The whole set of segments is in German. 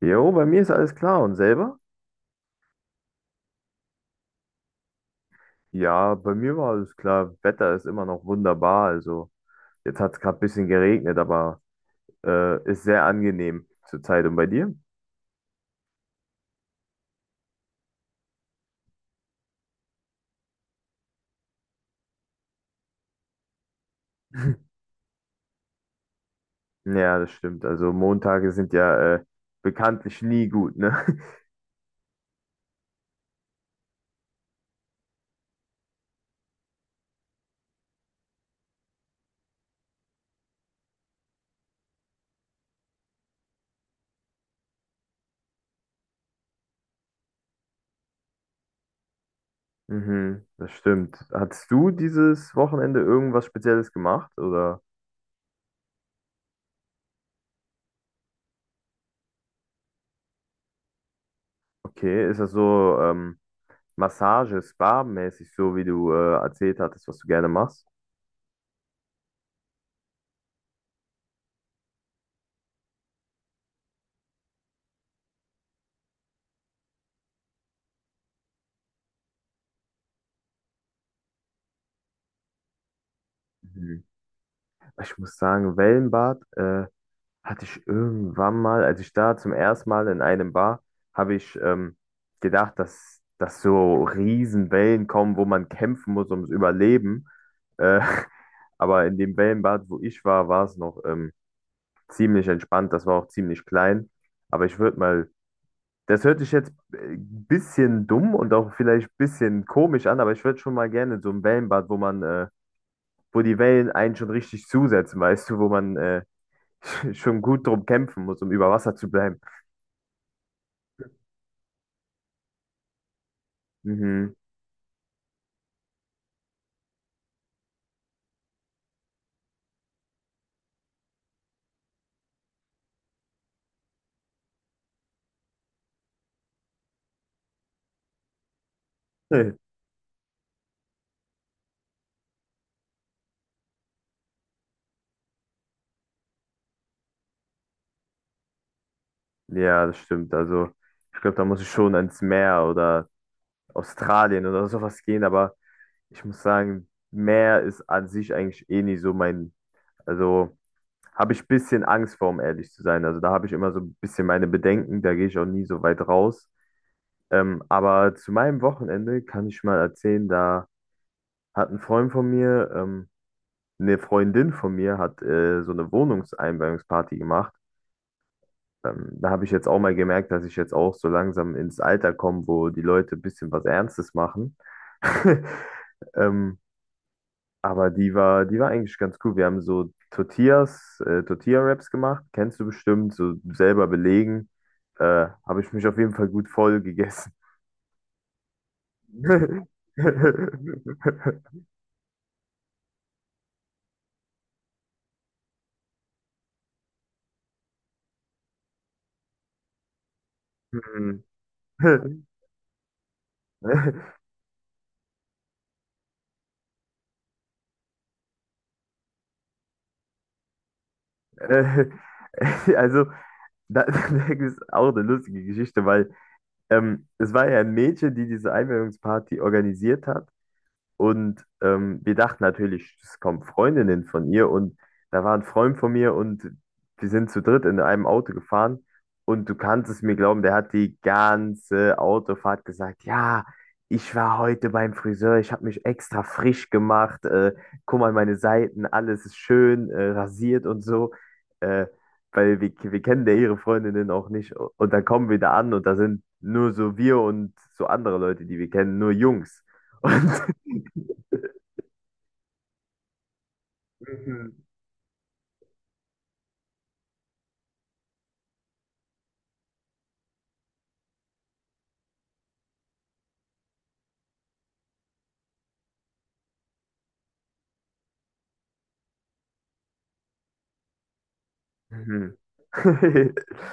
Jo, bei mir ist alles klar. Und selber? Ja, bei mir war alles klar. Wetter ist immer noch wunderbar. Also, jetzt hat es gerade ein bisschen geregnet, aber ist sehr angenehm zurzeit. Und bei dir? Ja, das stimmt. Also, Montage sind ja bekanntlich nie gut, ne? Mhm, das stimmt. Hattest du dieses Wochenende irgendwas Spezielles gemacht? Oder okay, ist das so Massage, Spa-mäßig, so wie du erzählt hattest, was du gerne machst? Mhm. Ich muss sagen, Wellenbad. Hatte ich irgendwann mal, als ich da zum ersten Mal in einem war, habe ich gedacht, dass so Riesenwellen kommen, wo man kämpfen muss ums Überleben. Äh, aber in dem Wellenbad, wo ich war, war es noch ziemlich entspannt. Das war auch ziemlich klein. Aber ich würde mal, das hört sich jetzt ein bisschen dumm und auch vielleicht ein bisschen komisch an, aber ich würde schon mal gerne in so ein Wellenbad, wo man, wo die Wellen einen schon richtig zusetzen, weißt du, wo man schon gut drum kämpfen muss, um über Wasser zu bleiben. Mhm. Ja, das stimmt. Also, ich glaube, da muss ich schon ans Meer oder Australien oder sowas gehen, aber ich muss sagen, Meer ist an sich eigentlich eh nie so mein, also habe ich ein bisschen Angst vor, um ehrlich zu sein. Also da habe ich immer so ein bisschen meine Bedenken, da gehe ich auch nie so weit raus. Aber zu meinem Wochenende kann ich mal erzählen, da hat ein Freund von mir, eine Freundin von mir hat so eine Wohnungseinweihungsparty gemacht. Da habe ich jetzt auch mal gemerkt, dass ich jetzt auch so langsam ins Alter komme, wo die Leute ein bisschen was Ernstes machen. Ähm, aber die war eigentlich ganz cool. Wir haben so Tortillas, Tortilla-Wraps gemacht, kennst du bestimmt, so selber belegen. Habe ich mich auf jeden Fall gut voll gegessen. Hm. Äh, also, da, da ist auch eine lustige Geschichte, weil es war ja ein Mädchen, die diese Einweihungsparty organisiert hat. Und wir dachten natürlich, es kommen Freundinnen von ihr und da war ein Freund von mir und wir sind zu dritt in einem Auto gefahren und du kannst es mir glauben, der hat die ganze Autofahrt gesagt, ja, ich war heute beim Friseur, ich habe mich extra frisch gemacht, guck mal meine Seiten, alles ist schön, rasiert und so, äh, weil wir kennen ja ihre Freundinnen auch nicht und dann kommen wir da an und da sind nur so wir und so andere Leute, die wir kennen, nur Jungs. Und Mhm. Mhm.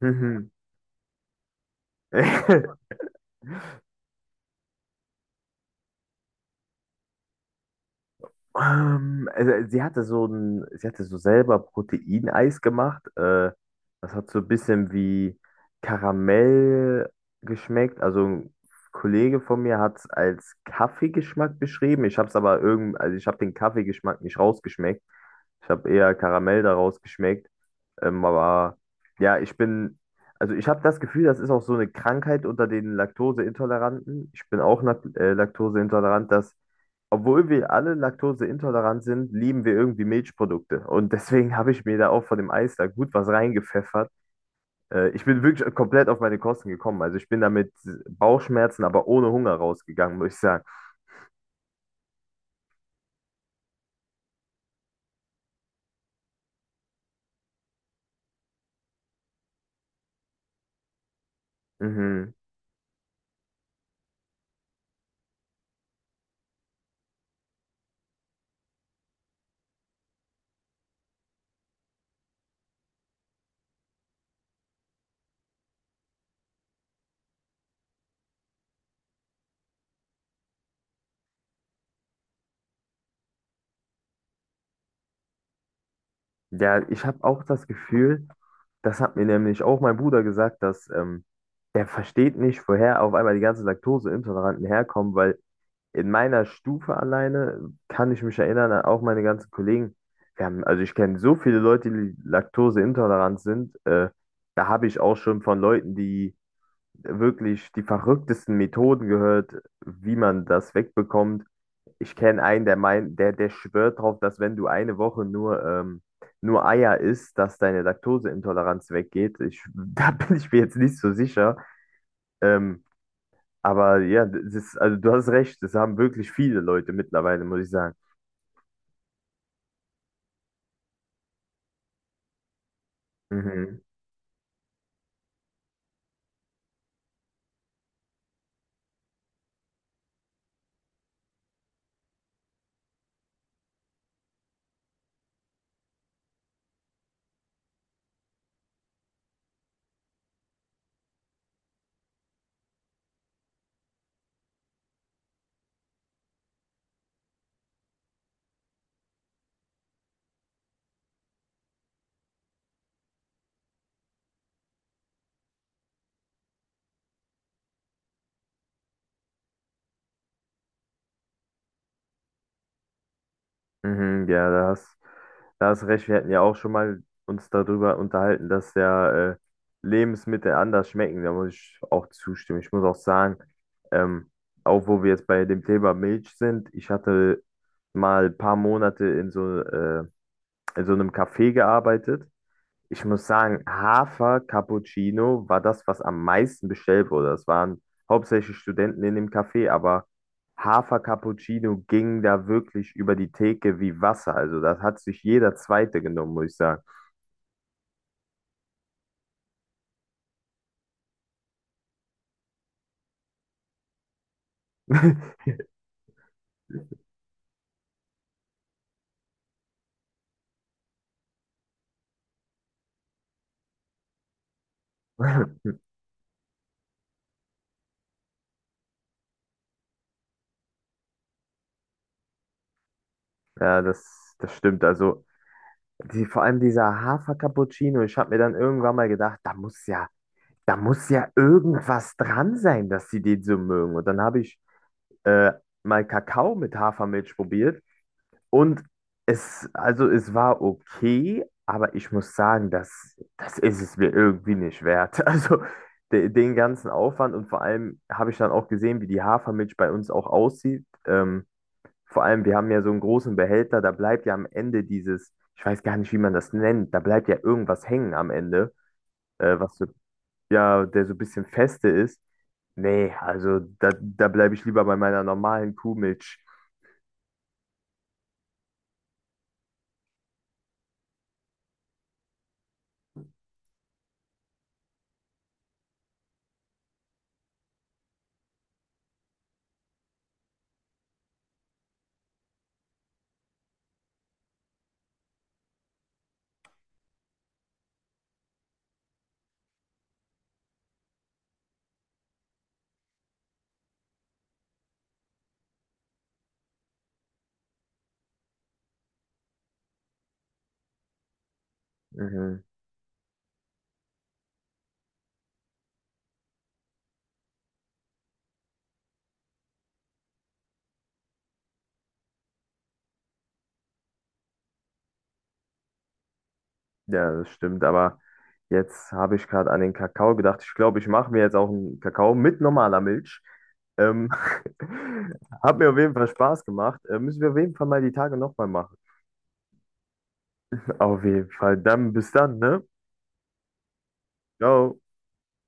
Mhm. Also sie hatte so selber Proteineis gemacht. Das hat so ein bisschen wie Karamell geschmeckt. Also ein Kollege von mir hat es als Kaffeegeschmack beschrieben. Ich habe es aber irgend, also ich habe den Kaffeegeschmack nicht rausgeschmeckt. Ich habe eher Karamell daraus geschmeckt. Aber ja, ich bin, also ich habe das Gefühl, das ist auch so eine Krankheit unter den Laktoseintoleranten. Ich bin auch laktoseintolerant, dass, obwohl wir alle laktoseintolerant sind, lieben wir irgendwie Milchprodukte. Und deswegen habe ich mir da auch von dem Eis da gut was reingepfeffert. Ich bin wirklich komplett auf meine Kosten gekommen. Also ich bin da mit Bauchschmerzen, aber ohne Hunger rausgegangen, muss ich sagen. Mhm. Ja, ich habe auch das Gefühl, das hat mir nämlich auch mein Bruder gesagt, dass der versteht nicht, woher auf einmal die ganzen Laktoseintoleranten herkommen, weil in meiner Stufe alleine kann ich mich erinnern, an auch meine ganzen Kollegen, wir haben, also ich kenne so viele Leute, die laktoseintolerant sind, da habe ich auch schon von Leuten, die wirklich die verrücktesten Methoden gehört, wie man das wegbekommt. Ich kenne einen, der meint, der schwört drauf, dass wenn du eine Woche nur, nur Eier isst, dass deine Laktoseintoleranz weggeht. Ich, da bin ich mir jetzt nicht so sicher. Ähm, aber ja, das ist, also du hast recht, das haben wirklich viele Leute mittlerweile, muss ich sagen. Mhm. Mhm, ja, da hast recht. Wir hatten ja auch schon mal uns darüber unterhalten, dass ja Lebensmittel anders schmecken. Da muss ich auch zustimmen. Ich muss auch sagen, ähm, auch wo wir jetzt bei dem Thema Milch sind, ich hatte mal ein paar Monate in so einem Café gearbeitet. Ich muss sagen, Hafer Cappuccino war das, was am meisten bestellt wurde. Das waren hauptsächlich Studenten in dem Café, aber Hafer Cappuccino ging da wirklich über die Theke wie Wasser. Also das hat sich jeder Zweite genommen, muss ich sagen. Ja, das stimmt. Also die, vor allem dieser Hafer Cappuccino, ich habe mir dann irgendwann mal gedacht, da muss ja irgendwas dran sein, dass sie den so mögen. Und dann habe ich äh, mal Kakao mit Hafermilch probiert. Und es, also es war okay, aber ich muss sagen, das ist es mir irgendwie nicht wert. Also de, den ganzen Aufwand und vor allem habe ich dann auch gesehen, wie die Hafermilch bei uns auch aussieht. Vor allem, wir haben ja so einen großen Behälter, da bleibt ja am Ende dieses, ich weiß gar nicht, wie man das nennt, da bleibt ja irgendwas hängen am Ende, was so, ja, der so ein bisschen feste ist. Nee, also da, da bleibe ich lieber bei meiner normalen Kuhmilch. Mhm. Ja, das stimmt, aber jetzt habe ich gerade an den Kakao gedacht. Ich glaube, ich mache mir jetzt auch einen Kakao mit normaler Milch. Ähm, hat mir auf jeden Fall Spaß gemacht. Müssen wir auf jeden Fall mal die Tage nochmal machen. Auf jeden Fall. Dann bis dann, ne? Ciao.